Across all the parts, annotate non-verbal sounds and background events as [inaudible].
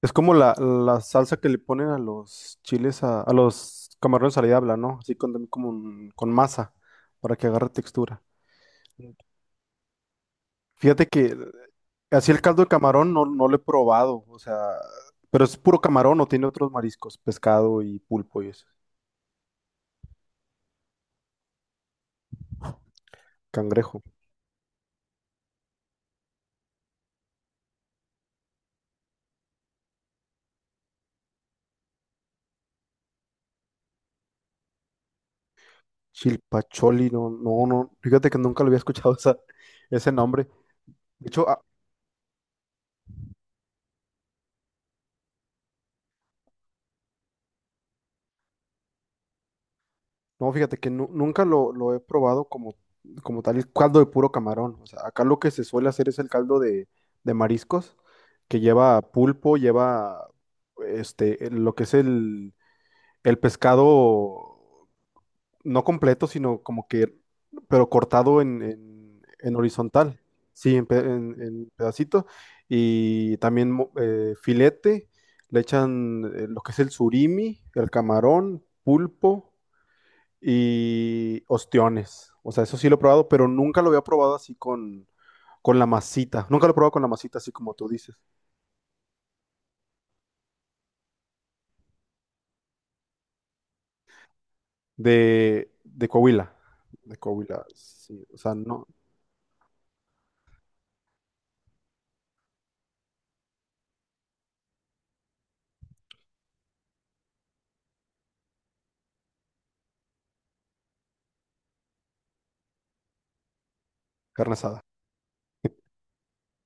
Es como la salsa que le ponen a los chiles, a los camarones a la diabla, ¿no? Así con, como con masa, para que agarre textura. Fíjate que así el caldo de camarón no lo he probado, o sea, pero es puro camarón o tiene otros mariscos, pescado y pulpo y eso, cangrejo. Chilpacholi, no, fíjate que nunca lo había escuchado [laughs] ese nombre. De hecho, no, fíjate que nunca lo he probado como, como tal el caldo de puro camarón. O sea, acá lo que se suele hacer es el caldo de mariscos, que lleva pulpo, lleva lo que es el pescado no completo, sino como que, pero cortado en, en horizontal. Sí, en, en pedacito. Y también filete, le echan lo que es el surimi, el camarón, pulpo y ostiones. O sea, eso sí lo he probado, pero nunca lo había probado así con la masita. Nunca lo he probado con la masita, así como tú dices. De Coahuila. De Coahuila, sí. O sea, no, carne asada.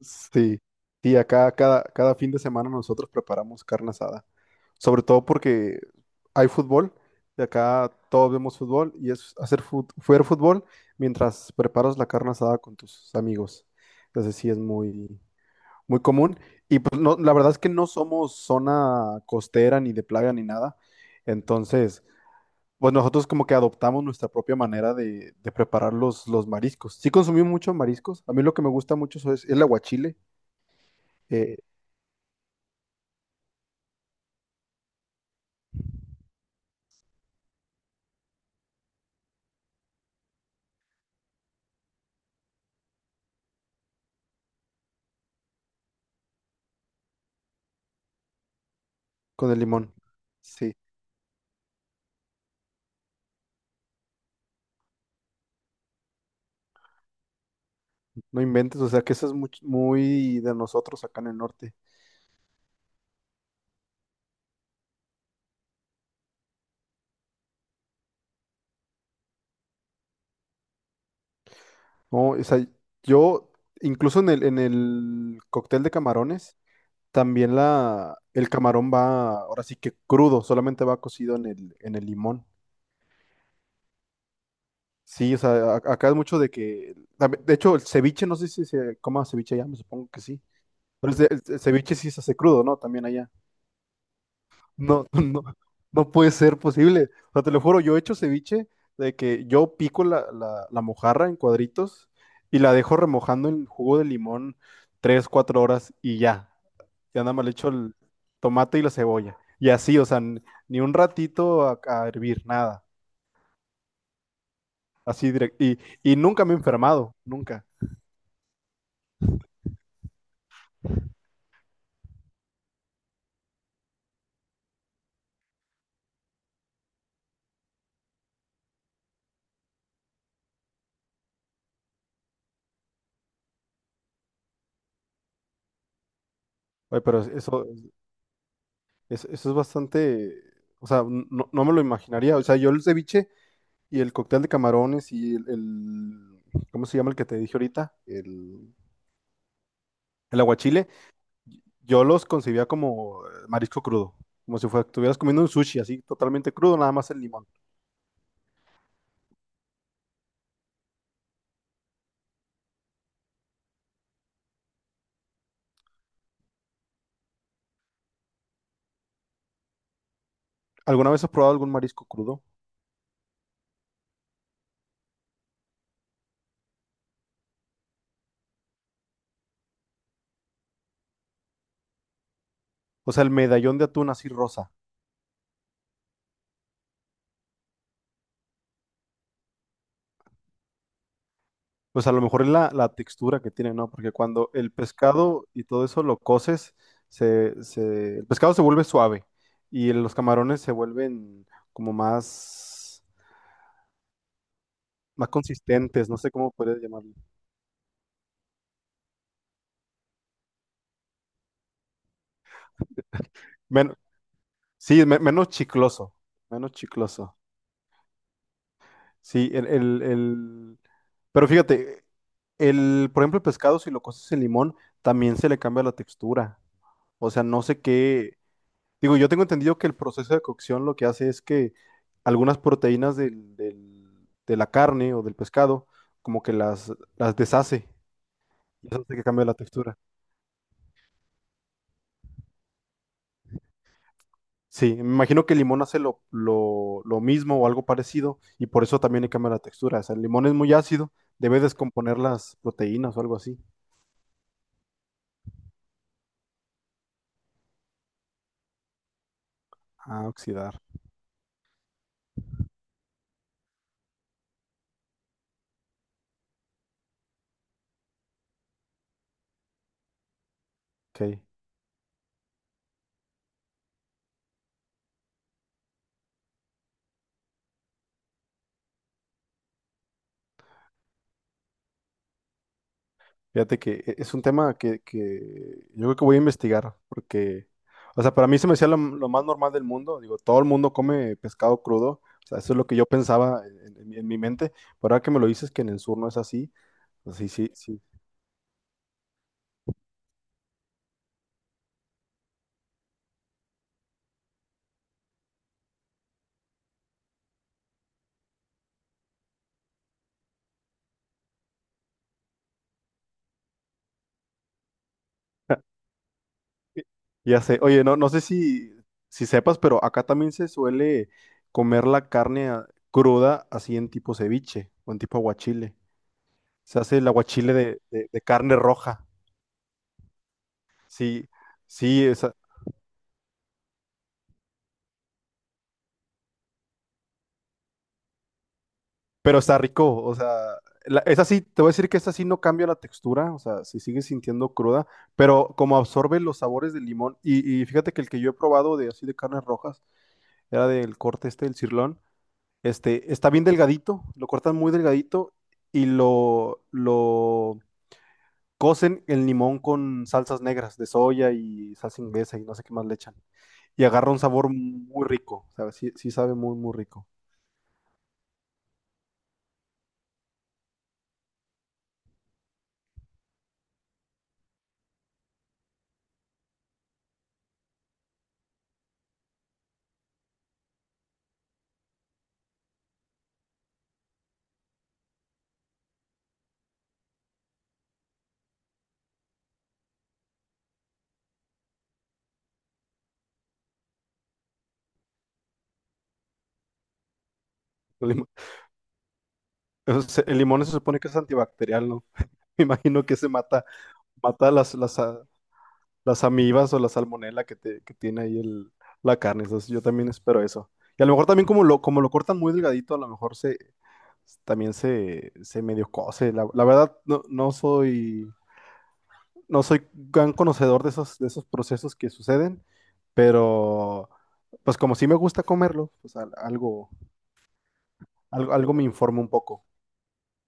Sí, sí, acá cada fin de semana nosotros preparamos carne asada. Sobre todo porque hay fútbol y acá todos vemos fútbol y es hacer ver fútbol mientras preparas la carne asada con tus amigos. Entonces sí es muy, muy común. Y pues no, la verdad es que no somos zona costera ni de plaga ni nada. Entonces, pues nosotros como que adoptamos nuestra propia manera de preparar los mariscos. Sí consumimos muchos mariscos. A mí lo que me gusta mucho eso es el aguachile eh, con el limón. Sí, no inventes. O sea que eso es muy, de nosotros acá en el norte. No, o sea, yo incluso en en el cóctel de camarones. También el camarón va, ahora sí que crudo, solamente va cocido en en el limón. Sí, o sea, acá es mucho de que, de hecho, el ceviche, no sé si se coma ceviche allá, me supongo que sí. Pero el ceviche sí se hace crudo, ¿no? También allá. No, [laughs] no, no puede ser posible. O sea, te lo juro, yo he hecho ceviche de que yo pico la mojarra en cuadritos y la dejo remojando en jugo de limón tres, cuatro horas y ya. Ya nada más le echo el tomate y la cebolla. Y así, o sea, n- ni un ratito a hervir, nada. Así directo. Y nunca me he enfermado, nunca. Oye, pero eso, eso es bastante, o sea, no me lo imaginaría. O sea, yo el ceviche y el cóctel de camarones y el, ¿cómo se llama el que te dije ahorita? El aguachile, yo los concebía como marisco crudo. Como si fuera, estuvieras comiendo un sushi así, totalmente crudo, nada más el limón. ¿Alguna vez has probado algún marisco crudo? O sea, el medallón de atún así rosa. Pues a lo mejor es la textura que tiene, ¿no? Porque cuando el pescado y todo eso lo coces, el pescado se vuelve suave y los camarones se vuelven como más, más consistentes, no sé cómo podría llamarlo. Men- sí, menos chicloso, menos chicloso. Sí, el, pero fíjate, el, por ejemplo, el pescado, si lo coces en limón, también se le cambia la textura. O sea, no sé qué, digo, yo tengo entendido que el proceso de cocción lo que hace es que algunas proteínas de la carne o del pescado, como que las deshace y eso hace que cambie la textura. Sí, me imagino que el limón hace lo mismo o algo parecido y por eso también le cambia la textura. O sea, el limón es muy ácido, debe descomponer las proteínas o algo así. Ah, oxidar. Ok. Fíjate que es un tema que yo creo que voy a investigar, porque, o sea, para mí se me hacía lo más normal del mundo. Digo, todo el mundo come pescado crudo, o sea, eso es lo que yo pensaba en, en mi mente, pero ahora que me lo dices que en el sur no es así, pues sí, sí, sí. [laughs] Ya sé, oye, no, no sé si, si sepas, pero acá también se suele comer la carne cruda así en tipo ceviche o en tipo aguachile. Se hace el aguachile de, de carne roja. Sí, sí, pero está rico, o sea, la- esa sí, te voy a decir que esta sí no cambia la textura, o sea, si sigue sintiendo cruda, pero como absorbe los sabores del limón, y fíjate que el que yo he probado de así de carnes rojas, era del corte este del cirlón, este, está bien delgadito, lo cortan muy delgadito y lo cocen el limón con salsas negras de soya y salsa inglesa y no sé qué más le echan, y agarra un sabor muy rico, o sea, sí, sí sabe muy, muy rico. El lim- [laughs] el limón se supone que es antibacterial, ¿no? [laughs] Me imagino que se mata, mata las amibas o la salmonela que tiene ahí el, la carne. Entonces yo también espero eso. Y a lo mejor también como como lo cortan muy delgadito, a lo mejor se también se medio cose. La verdad, no soy, no soy gran conocedor de esos procesos que suceden, pero pues como sí me gusta comerlo, pues algo, algo me informa un poco.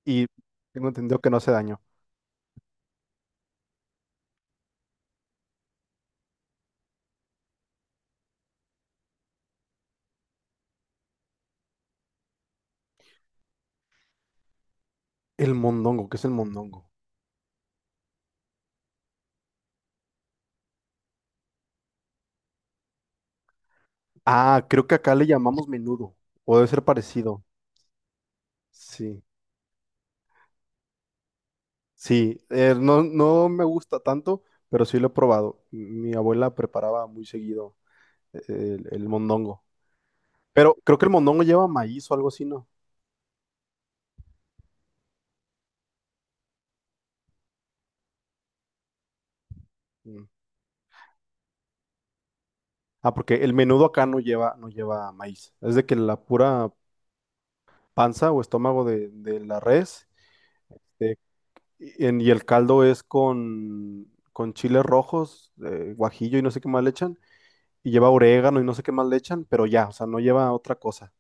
Y tengo entendido que no hace daño. El mondongo, ¿qué es el mondongo? Ah, creo que acá le llamamos menudo, o debe ser parecido. Sí, sí, no, no me gusta tanto, pero sí lo he probado. Mi abuela preparaba muy seguido el mondongo, pero creo que el mondongo lleva maíz o algo así, ¿no? Mm. Ah, porque el menudo acá no lleva, no lleva maíz. Es de que la pura panza o estómago de la res este, y el caldo es con chiles rojos, guajillo y no sé qué más le echan y lleva orégano y no sé qué más le echan, pero ya, o sea, no lleva otra cosa.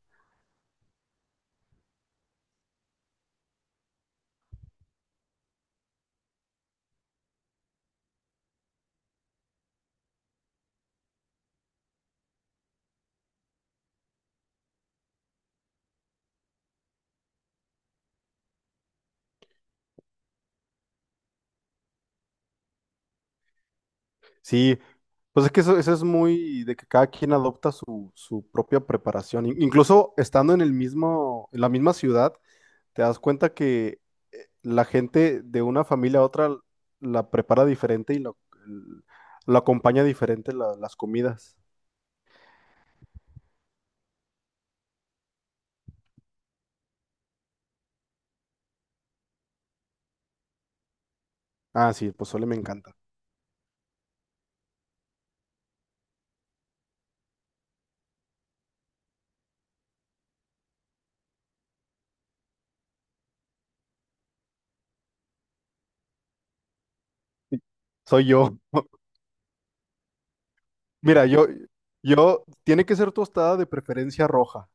Sí, pues es que eso es muy de que cada quien adopta su propia preparación. Incluso estando en el mismo, en la misma ciudad, te das cuenta que la gente de una familia a otra la prepara diferente y l- lo acompaña diferente las comidas. Ah, sí, el pozole me encanta. Sí, soy yo. Mira, yo, tiene que ser tostada de preferencia roja.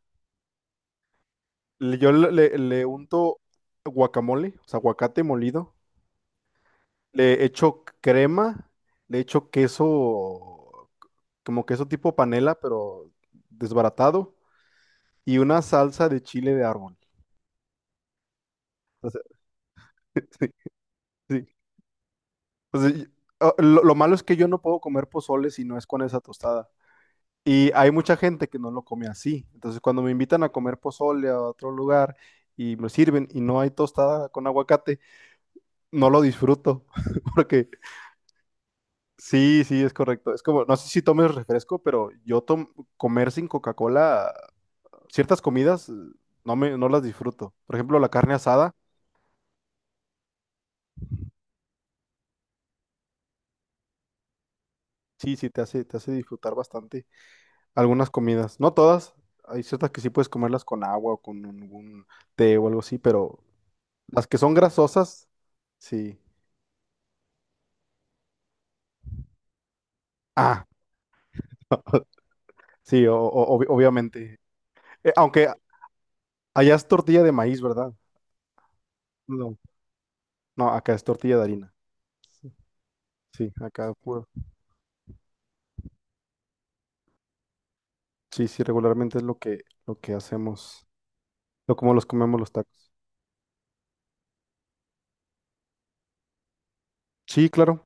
Yo le unto guacamole, o sea, aguacate molido. Le echo crema, le echo queso, como queso tipo panela, pero desbaratado. Y una salsa de chile de árbol. O sea, [laughs] sí, sí. O sea, y- ah, lo malo es que yo no puedo comer pozole si no es con esa tostada. Y hay mucha gente que no lo come así. Entonces, cuando me invitan a comer pozole a otro lugar y me sirven y no hay tostada con aguacate, no lo disfruto. [laughs] Porque sí, sí, es correcto. Es como, no sé si tomes refresco, pero comer sin Coca-Cola, ciertas comidas no me, no las disfruto. Por ejemplo, la carne asada, sí, sí, te hace disfrutar bastante algunas comidas. No todas, hay ciertas que sí puedes comerlas con agua o con algún té o algo así, pero las que son grasosas, sí. Ah, sí, obviamente. Aunque allá es tortilla de maíz, ¿verdad? No, no, acá es tortilla de harina. Sí, acá puro. Sí, sí, regularmente es lo que hacemos, lo como los comemos los tacos. Sí, claro.